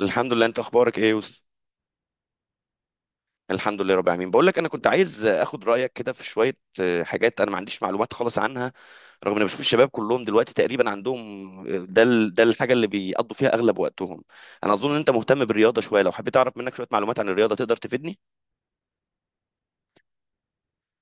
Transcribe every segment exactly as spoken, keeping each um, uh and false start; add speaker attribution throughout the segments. Speaker 1: الحمد لله. انت اخبارك ايه يا يوسف؟ الحمد لله رب العالمين. بقول لك، انا كنت عايز اخد رايك كده في شويه آه، حاجات انا ما عنديش معلومات خالص عنها، رغم ان بشوف الشباب كلهم دلوقتي تقريبا عندهم. آه، ده ال- ده الحاجه اللي بيقضوا فيها اغلب وقتهم. انا اظن ان انت مهتم بالرياضه شويه، لو حبيت اعرف منك شويه معلومات عن الرياضه تقدر تفيدني؟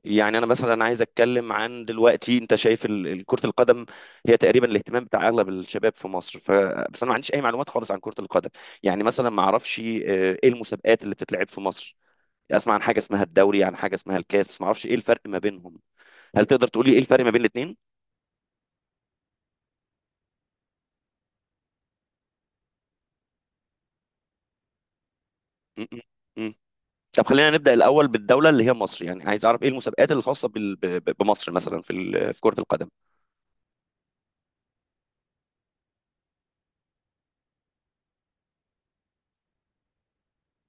Speaker 1: يعني انا مثلا عايز اتكلم عن دلوقتي. انت شايف ال- ال- كره القدم هي تقريبا الاهتمام بتاع اغلب الشباب في مصر، ف بس انا ما عنديش اي معلومات خالص عن كره القدم. يعني مثلا ما اعرفش آه، ايه المسابقات اللي بتتلعب في مصر. اسمع عن حاجه اسمها الدوري، عن حاجه اسمها الكاس، بس ما اعرفش ايه الفرق ما بينهم. هل تقدر تقول لي ايه الفرق ما بين الاثنين؟ طب خلينا نبدا الاول بالدوله اللي هي مصر. يعني عايز اعرف ايه المسابقات الخاصه بال- ب- ب- بمصر مثلا في ال- في كره القدم.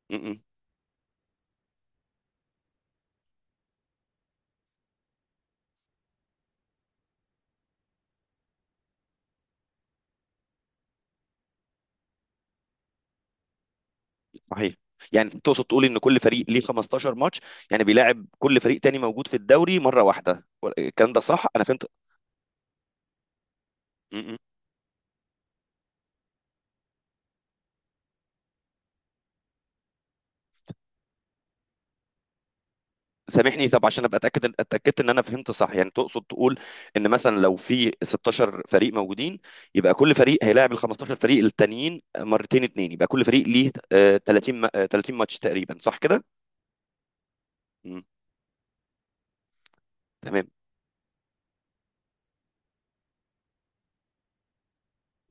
Speaker 1: م- م. صحيح. يعني تقصد تقول ان كل فريق ليه خمستاشر ماتش؟ يعني بيلاعب كل فريق تاني موجود في الدوري مره واحده ولا- الكلام ده صح انا فهمت؟ م- سامحني. طب عشان ابقى اتاكد اتاكدت ان انا فهمت صح. يعني تقصد تقول ان مثلا لو في ستاشر فريق موجودين، يبقى كل فريق هيلاعب ال خمستاشر فريق التانيين مرتين اتنين، يبقى كل فريق ليه آه، تلاتين ما- آه، تلاتين ماتش تقريبا، صح كده؟ مم. تمام.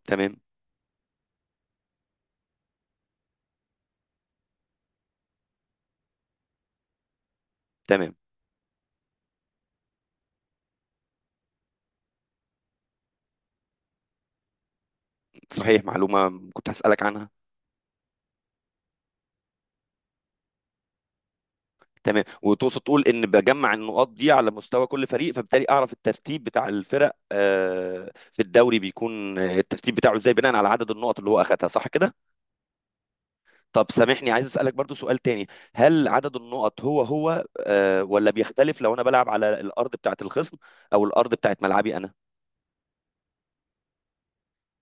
Speaker 1: تمام. تمام. صحيح، معلومه كنت هسالك عنها. تمام. وتقصد تقول ان بجمع النقاط دي على مستوى كل فريق، فبالتالي اعرف الترتيب بتاع الفرق آه، في الدوري. بيكون آه، الترتيب بتاعه ازاي بناء على عدد النقط اللي هو اخذها، صح كده؟ طب سامحني، عايز اسالك برضو سؤال تاني. هل عدد النقط هو هو آه ولا بيختلف لو انا بلعب على الارض بتاعه الخصم او الارض بتاعه ملعبي انا؟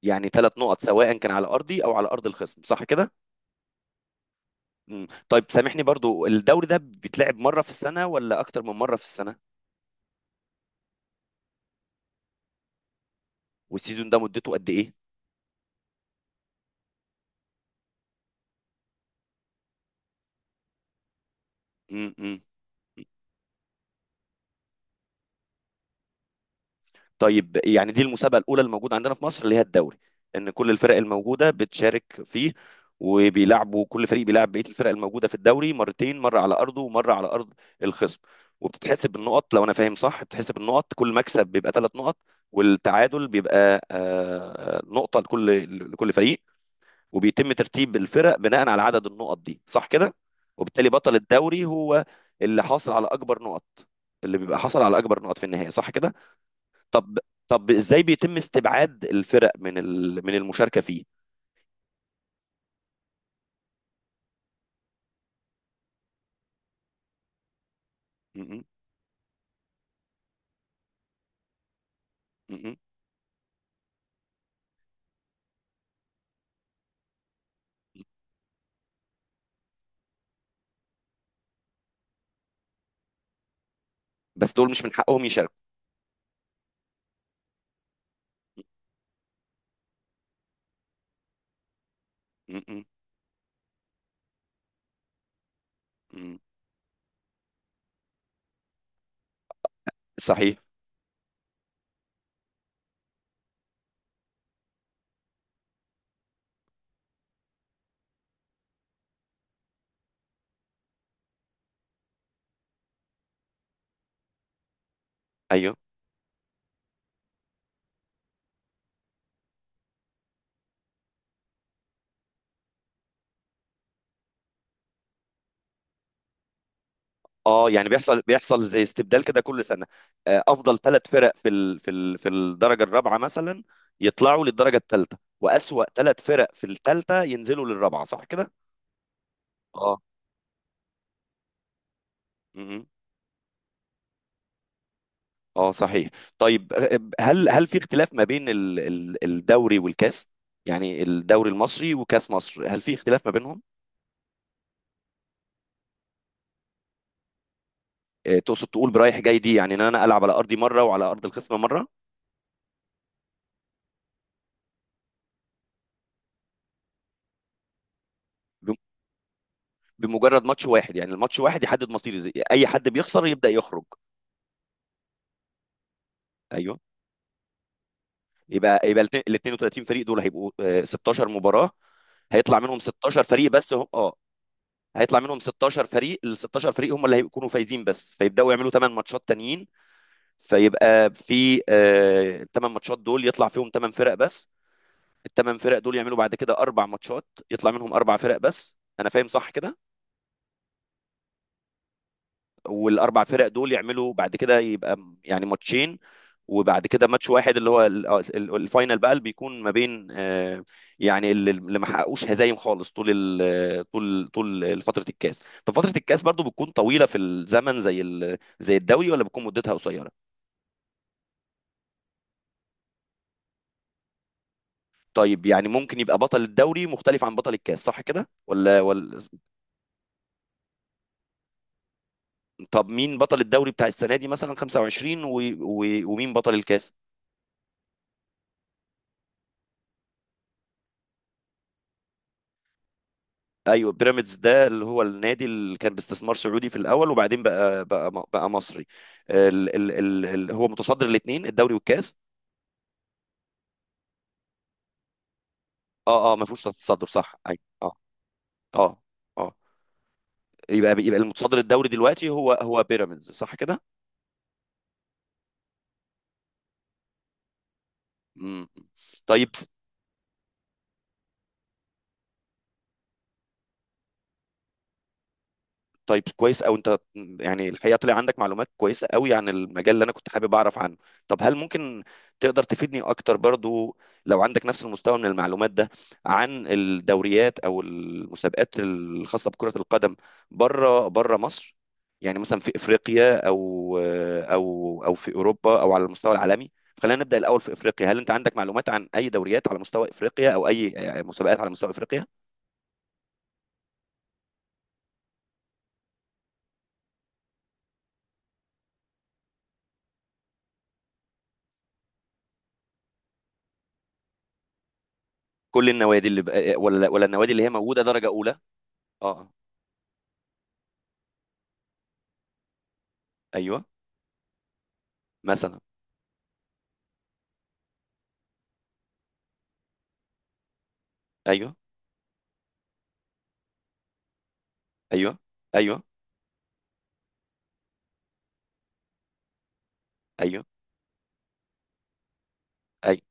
Speaker 1: يعني ثلاث نقط سواء كان على ارضي او على ارض الخصم، صح كده؟ مم. طيب سامحني، برضو الدوري ده بيتلعب مره في السنه ولا اكتر من مره في السنه؟ والسيزون ده مدته قد ايه؟ امم. طيب يعني دي المسابقة الأولى اللي موجودة عندنا في مصر، اللي هي الدوري، إن كل الفرق الموجودة بتشارك فيه. وبيلعبوا كل فريق بيلعب بقية الفرق الموجودة في الدوري مرتين، مرة على أرضه ومرة على أرض الخصم. وبتتحسب بالنقط. لو أنا فاهم صح، بتتحسب النقط كل مكسب بيبقى ثلاث نقط، والتعادل بيبقى آه، نقطة لكل لكل فريق. وبيتم ترتيب الفرق بناء على عدد النقط دي، صح كده؟ وبالتالي بطل الدوري هو اللي حاصل على أكبر نقط، اللي بيبقى حاصل على أكبر نقط في النهاية، صح كده؟ طب طب ازاي بيتم استبعاد الفرق من ال- من المشاركه فيه؟ م- م- م- بس دول مش من حقهم يشاركوا؟ م- م- م. صحيح. ايوه. اه، يعني بيحصل، بيحصل زي استبدال كده كل سنه. آه، افضل ثلاث فرق في ال... في ال... في الدرجه الرابعه مثلا يطلعوا للدرجه الثالثه، واسوأ ثلاث فرق في الثالثه ينزلوا للرابعه، صح كده؟ اه. اه. صحيح. طيب. هل هل في اختلاف ما بين ال- ال- الدوري والكاس؟ يعني الدوري المصري وكاس مصر، هل في اختلاف ما بينهم؟ آه، تقصد تقول برايح جاي دي، يعني ان انا العب على ارضي مره وعلى ارض الخصم مره؟ بم- بمجرد ماتش واحد، يعني الماتش واحد يحدد مصيري زي اي حد بيخسر يبدا يخرج؟ ايوه. يبقى يبقى ال اثنين وثلاثين فريق دول هيبقوا آه، ستاشر مباراه؟ هيطلع منهم ستاشر فريق بس، هم اه هيطلع منهم ستاشر فريق. ال ستاشر فريق هم اللي هيكونوا فايزين بس، فيبداوا يعملوا ثمانية ماتشات تانيين. فيبقى في الثمان ماتشات دول يطلع فيهم ثمان فرق بس. الثمان فرق دول يعملوا بعد كده اربع ماتشات يطلع منهم اربع فرق بس، انا فاهم صح كده؟ والاربع فرق دول يعملوا بعد كده يبقى م- يعني ماتشين، وبعد كده ماتش واحد، اللي هو ال- آه، ال- الفاينل بقى، اللي بيكون ما بين آه، يعني اللي اللي ما حققوش هزايم خالص طول ال- طول طول فترة الكاس. طب فترة الكاس برضو بتكون طويلة في الزمن زي ال- زي الدوري ولا بتكون مدتها قصيرة؟ طيب يعني ممكن يبقى بطل الدوري مختلف عن بطل الكاس، صح كده ولا ولا؟ طب مين بطل الدوري بتاع السنة دي مثلا خمسه وعشرين و... و... ومين بطل الكاس؟ ايوه، بيراميدز ده اللي هو النادي اللي كان باستثمار سعودي في الاول، وبعدين بقى بقى م- بقى مصري. ال... ال... ال... ال... هو متصدر الاثنين الدوري والكاس؟ اه. اه، ما فيهوش تصدر، صح. ايوه. اه. اه. اه. يبقى يبقى المتصدر الدوري دلوقتي هو هو بيراميدز، صح كده؟ امم. طيب طيب كويس. او انت، يعني الحقيقه طلع عندك معلومات كويسه قوي عن المجال اللي انا كنت حابب اعرف عنه. طب هل ممكن تقدر تفيدني اكتر برضو لو عندك نفس المستوى من المعلومات ده عن الدوريات او المسابقات الخاصه بكره القدم بره بره مصر؟ يعني مثلا في افريقيا او او او في اوروبا او على المستوى العالمي. خلينا نبدا الاول في افريقيا. هل انت عندك معلومات عن اي دوريات على مستوى افريقيا او اي مسابقات على مستوى افريقيا؟ كل النوادي اللي بقى ولا ولا النوادي اللي هي موجوده درجه اولى؟ اه. ايوه. مثلا. ايوه. ايوه. ايوه. ايوه. ايوه.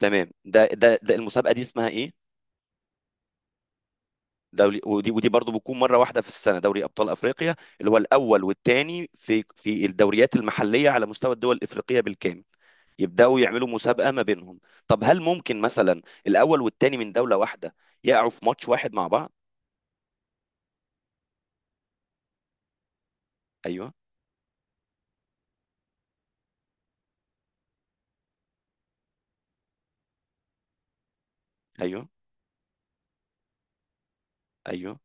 Speaker 1: تمام. ده ده ده المسابقه دي اسمها ايه؟ دوري ودي ودي برضو بتكون مره واحده في السنه؟ دوري ابطال افريقيا، اللي هو الاول والثاني في في الدوريات المحليه على مستوى الدول الافريقيه بالكامل، يبداوا يعملوا مسابقه ما بينهم؟ طب هل ممكن مثلا الاول والثاني من دوله واحده يقعوا في ماتش واحد مع بعض؟ ايوه. ايوه. ايوه.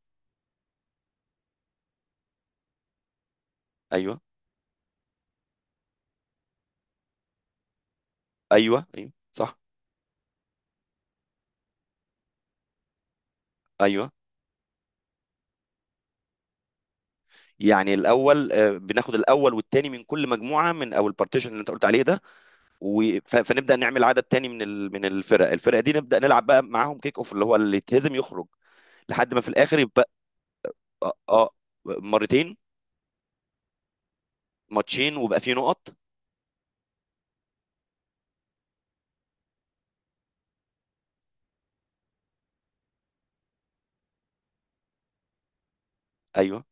Speaker 1: ايوه. ايوه. ايوه. صح. ايوه. يعني الاول آه، بناخد الاول والثاني من كل مجموعه، من او البارتيشن اللي انت قلت عليه ده، و- ف- فنبدا نعمل عدد تاني من ال... من الفرق الفرقه دي نبدا نلعب بقى معاهم كيك اوف، اللي هو اللي يتهزم يخرج. لحد ما في الاخر يبقى اه آه، مرتين. ماتشين، وبقى فيه نقط؟ ايوه.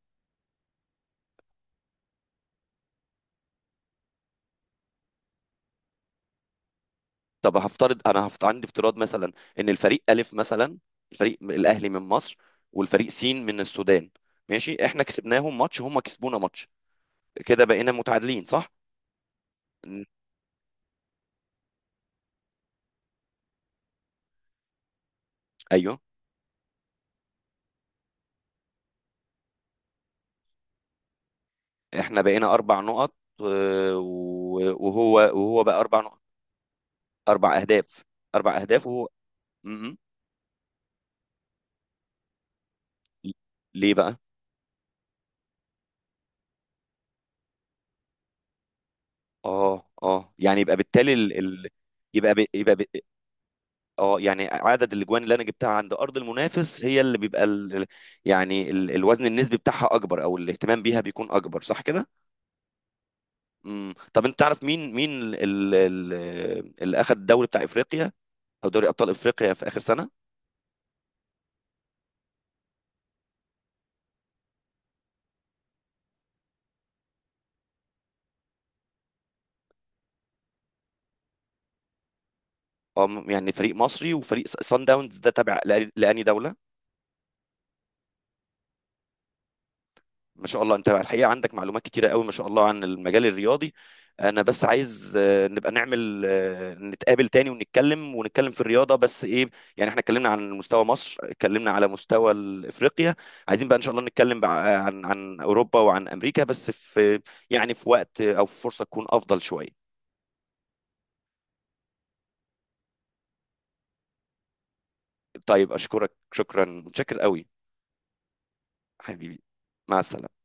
Speaker 1: طب هفترض، انا هفت... عندي افتراض مثلا، ان الفريق الف مثلا، الفريق الاهلي من مصر، والفريق سين من السودان. ماشي، احنا كسبناهم ماتش، هم كسبونا ماتش، كده بقينا متعادلين، صح؟ ن- ايوه، احنا بقينا اربع نقط آه، و- وهو وهو بقى اربع نقط. اربع اهداف. اربع اهداف وهو. مهم. ليه بقى؟ اه. اه، يعني يبقى بالتالي ال... ال... يبقى ب... يبقى ب... اه، يعني عدد الاجوان اللي انا جبتها عند ارض المنافس هي اللي بيبقى ال... ال- يعني ال... الوزن النسبي بتاعها اكبر، او الاهتمام بيها بيكون اكبر، صح كده؟ امم. طب انت تعرف مين مين ال... ال... اللي اخذ الدوري بتاع افريقيا، او دوري ابطال افريقيا، في اخر سنة؟ اه. م- يعني فريق مصري وفريق س- سان داونز، ده تابع لأ- لاني دولة؟ ما شاء الله، انت الحقيقه عندك معلومات كتيره قوي، ما شاء الله، عن المجال الرياضي. انا بس عايز آه، نبقى نعمل آه، نتقابل تاني ونتكلم ونتكلم في الرياضه، بس ايه، يعني احنا اتكلمنا عن مستوى مصر، اتكلمنا على مستوى ال- افريقيا، عايزين بقى ان شاء الله نتكلم بقى آه، عن عن اوروبا وعن امريكا، بس في، يعني في وقت آه، او في فرصه تكون افضل شويه. طيب، اشكرك. شكرا، متشكر قوي. حبيبي. مع السلامه.